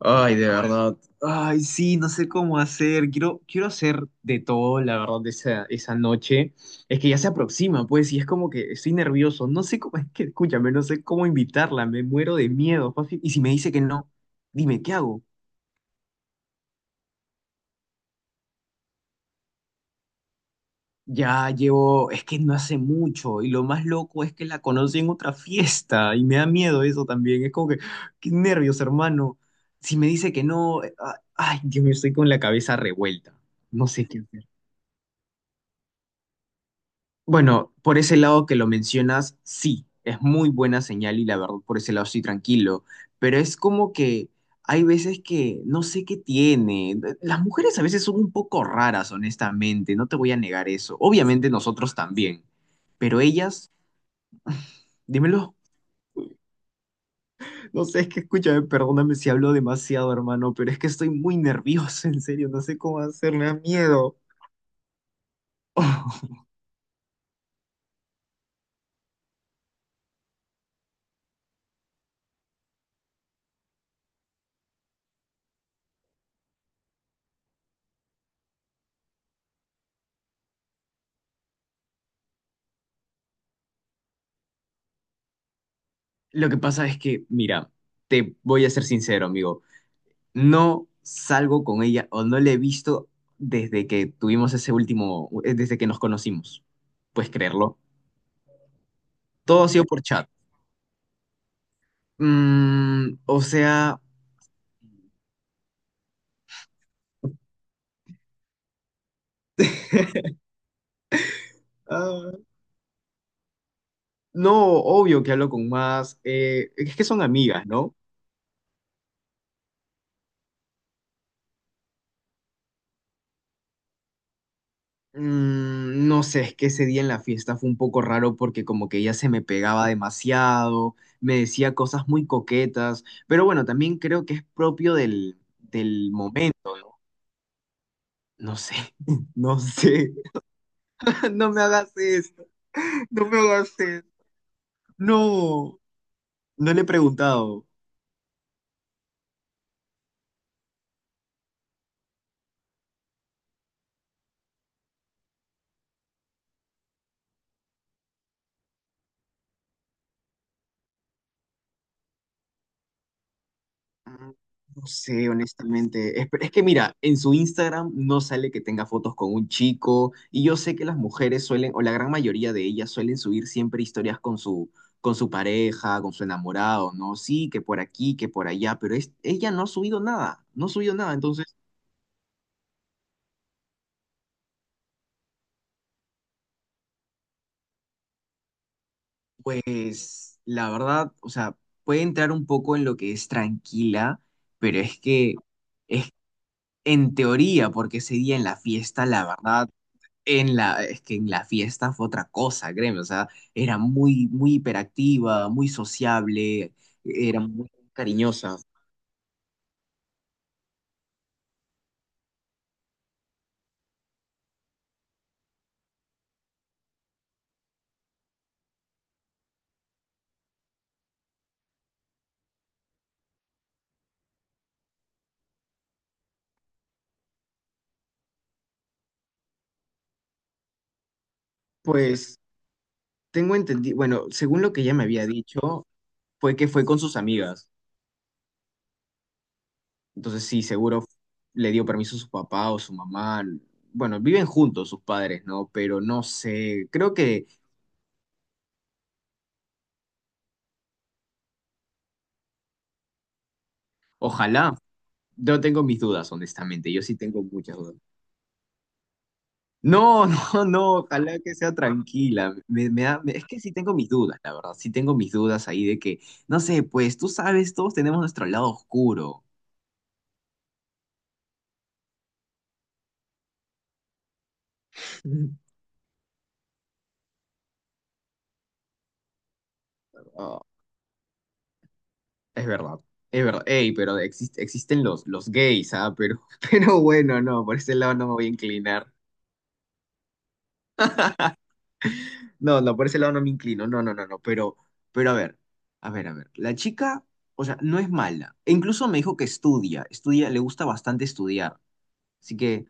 Ay, de verdad. Ay, sí, no sé cómo hacer. Quiero hacer de todo, la verdad, de esa noche. Es que ya se aproxima, pues, y es como que estoy nervioso. No sé cómo, es que, escúchame, no sé cómo invitarla. Me muero de miedo. Fafi. Y si me dice que no, dime, ¿qué hago? Es que no hace mucho. Y lo más loco es que la conocí en otra fiesta. Y me da miedo eso también. Es como que, qué nervios, hermano. Si me dice que no, ay, Dios mío, estoy con la cabeza revuelta. No sé qué hacer. Bueno, por ese lado que lo mencionas, sí, es muy buena señal y la verdad por ese lado estoy tranquilo, pero es como que hay veces que no sé qué tiene. Las mujeres a veces son un poco raras, honestamente, no te voy a negar eso. Obviamente nosotros también, pero ellas, dímelo, no sé, es que escúchame, perdóname si hablo demasiado, hermano, pero es que estoy muy nervioso, en serio, no sé cómo hacer, me da miedo. Lo que pasa es que, mira, te voy a ser sincero, amigo. No salgo con ella o no la he visto desde que tuvimos ese último, desde que nos conocimos. Puedes creerlo. Todo ha sido por chat. O sea, ah, no, obvio que hablo con más. Es que son amigas, ¿no? No sé, es que ese día en la fiesta fue un poco raro porque como que ella se me pegaba demasiado, me decía cosas muy coquetas, pero bueno, también creo que es propio del momento, ¿no? No sé, no sé. No me hagas esto, no me hagas esto. No, no le he preguntado. Ah, No sé, honestamente. Es que mira, en su Instagram no sale que tenga fotos con un chico y yo sé que las mujeres suelen, o la gran mayoría de ellas suelen subir siempre historias con su pareja, con su enamorado, ¿no? Sí, que por aquí, que por allá, pero es, ella no ha subido nada, no ha subido nada. Entonces, pues la verdad, o sea, puede entrar un poco en lo que es tranquila, pero es que... es En teoría, porque ese día en la fiesta, la verdad, en la fiesta fue otra cosa, créeme, o sea, era muy, muy hiperactiva, muy sociable, era muy cariñosa. Pues tengo entendido, bueno, según lo que ella me había dicho, fue que fue con sus amigas. Entonces sí, seguro le dio permiso a su papá o su mamá. Bueno, viven juntos sus padres, ¿no? Pero no sé, creo que, ojalá, yo tengo mis dudas, honestamente, yo sí tengo muchas dudas. No, no, no, ojalá que sea tranquila. Es que sí tengo mis dudas, la verdad, sí tengo mis dudas ahí de que, no sé, pues tú sabes, todos tenemos nuestro lado oscuro. Ah, es verdad, es verdad. Ey, pero existen los gays, ¿ah? Pero, pero bueno, no, por ese lado no me voy a inclinar. No, no, por ese lado no me inclino. No, no, no, no. Pero, a ver, a ver, a ver. La chica, o sea, no es mala. E incluso me dijo que estudia, estudia, le gusta bastante estudiar. Así que,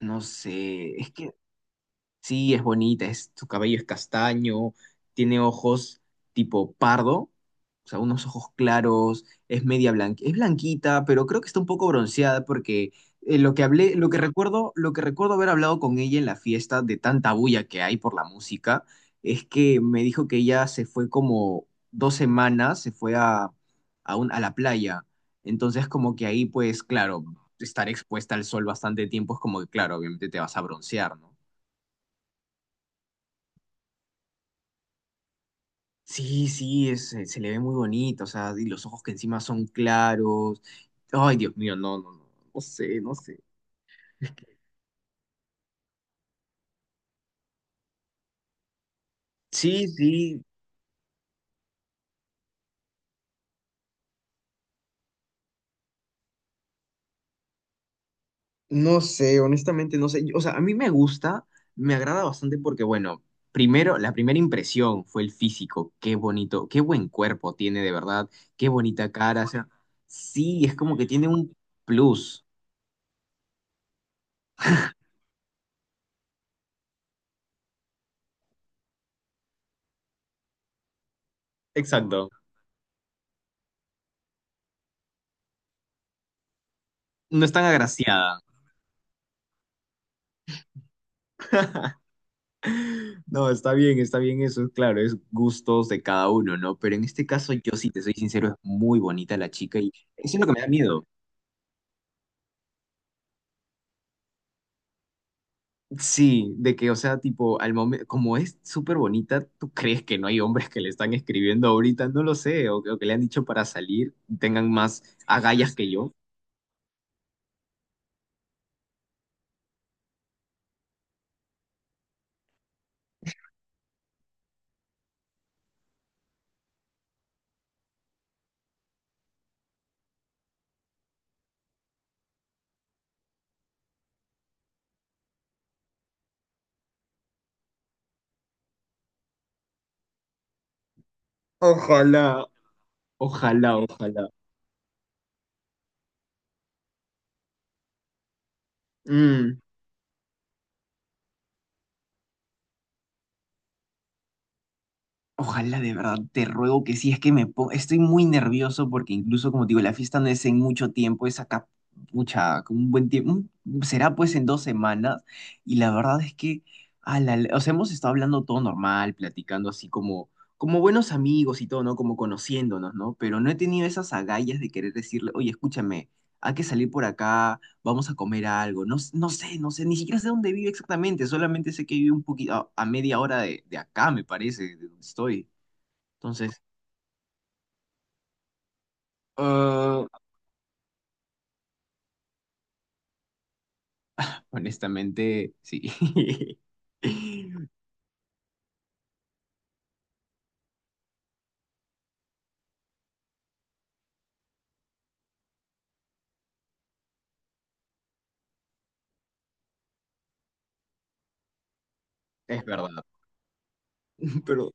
no sé, es que Sí, es bonita, su cabello es castaño, tiene ojos tipo pardo, o sea, unos ojos claros, es media blanca, es blanquita, pero creo que está un poco bronceada porque lo que hablé, lo que recuerdo haber hablado con ella en la fiesta de tanta bulla que hay por la música, es que me dijo que ella se fue como 2 semanas, se fue a la playa, entonces como que ahí pues claro, estar expuesta al sol bastante tiempo es como que claro, obviamente te vas a broncear, ¿no? Sí, sí, se le ve muy bonito, o sea, y los ojos que encima son claros. Ay, Dios mío, no, no, no, no sé, no sé. Sí, sí, no sé, honestamente no sé. O sea, a mí me gusta, me agrada bastante porque, bueno, primero, la primera impresión fue el físico. Qué bonito, qué buen cuerpo tiene de verdad, qué bonita cara. O sea, sí, es como que tiene un plus. Exacto. No es tan agraciada. No, está bien eso, claro, es gustos de cada uno, ¿no? Pero en este caso, yo sí te soy sincero, es muy bonita la chica y eso es lo que me da miedo. Sí, de que, o sea, tipo, al momento, como es súper bonita, ¿tú crees que no hay hombres que le están escribiendo ahorita? No lo sé, o que le han dicho para salir, tengan más agallas que yo. Ojalá, ojalá, ojalá. Mm. Ojalá de verdad, te ruego que sí, es que estoy muy nervioso porque incluso como te digo, la fiesta no es en mucho tiempo, es acá, pucha, con un buen tiempo, será pues en 2 semanas y la verdad es que, o sea, hemos estado hablando todo normal, platicando así como buenos amigos y todo, ¿no? Como conociéndonos, ¿no? Pero no he tenido esas agallas de querer decirle, oye, escúchame, hay que salir por acá vamos a comer algo. No, no sé, no sé, ni siquiera sé dónde vive exactamente, solamente sé que vive un poquito a media hora de acá, me parece, de donde estoy. Entonces, ah, honestamente, sí. Es verdad, pero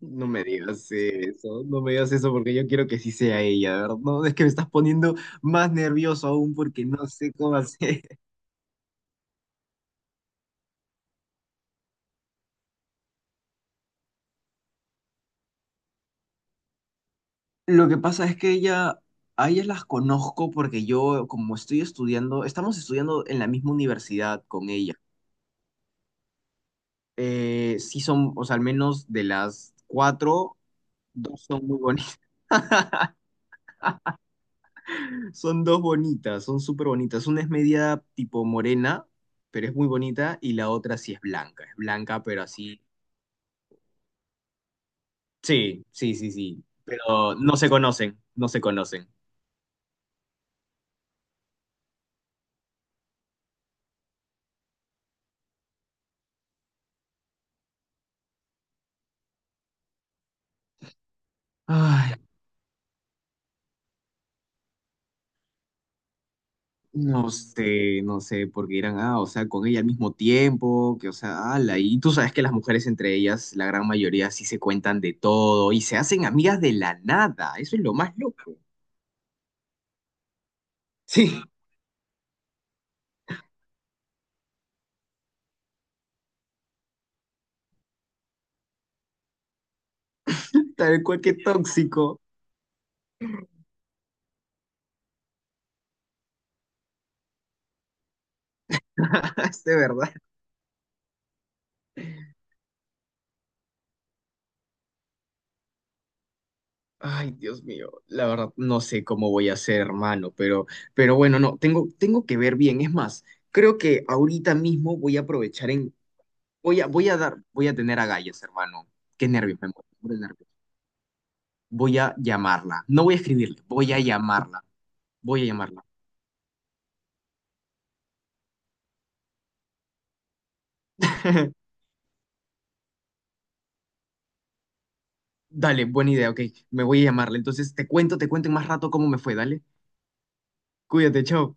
no me digas eso, no me digas eso porque yo quiero que sí sea ella, ¿verdad? No, es que me estás poniendo más nervioso aún porque no sé cómo hacer. Lo que pasa es que a ellas las conozco porque yo, como estoy estudiando, estamos estudiando en la misma universidad con ella. Sí son, o sea, al menos de las cuatro, dos son muy bonitas. Son dos bonitas, son súper bonitas. Una es media tipo morena, pero es muy bonita, y la otra sí es blanca. Es blanca, pero así. Sí, sí, sí, sí. Pero no se conocen, no se conocen. Ay, no sé, no sé, porque dirán, o sea, con ella al mismo tiempo, que, o sea, ala, y tú sabes que las mujeres entre ellas, la gran mayoría sí se cuentan de todo y se hacen amigas de la nada, eso es lo más loco. Sí, tal cual que tóxico. De verdad. Ay, Dios mío. La verdad, no sé cómo voy a hacer, hermano, pero bueno, no, tengo que ver bien. Es más, creo que ahorita mismo voy a aprovechar en, voy a, voy a dar, voy a tener agallas, hermano. Qué nervios, me muero de nervios. Voy a llamarla. No voy a escribirle, voy a llamarla. Voy a llamarla. Dale, buena idea, ok. Me voy a llamarla. Entonces te cuento en más rato cómo me fue, dale. Cuídate, chao.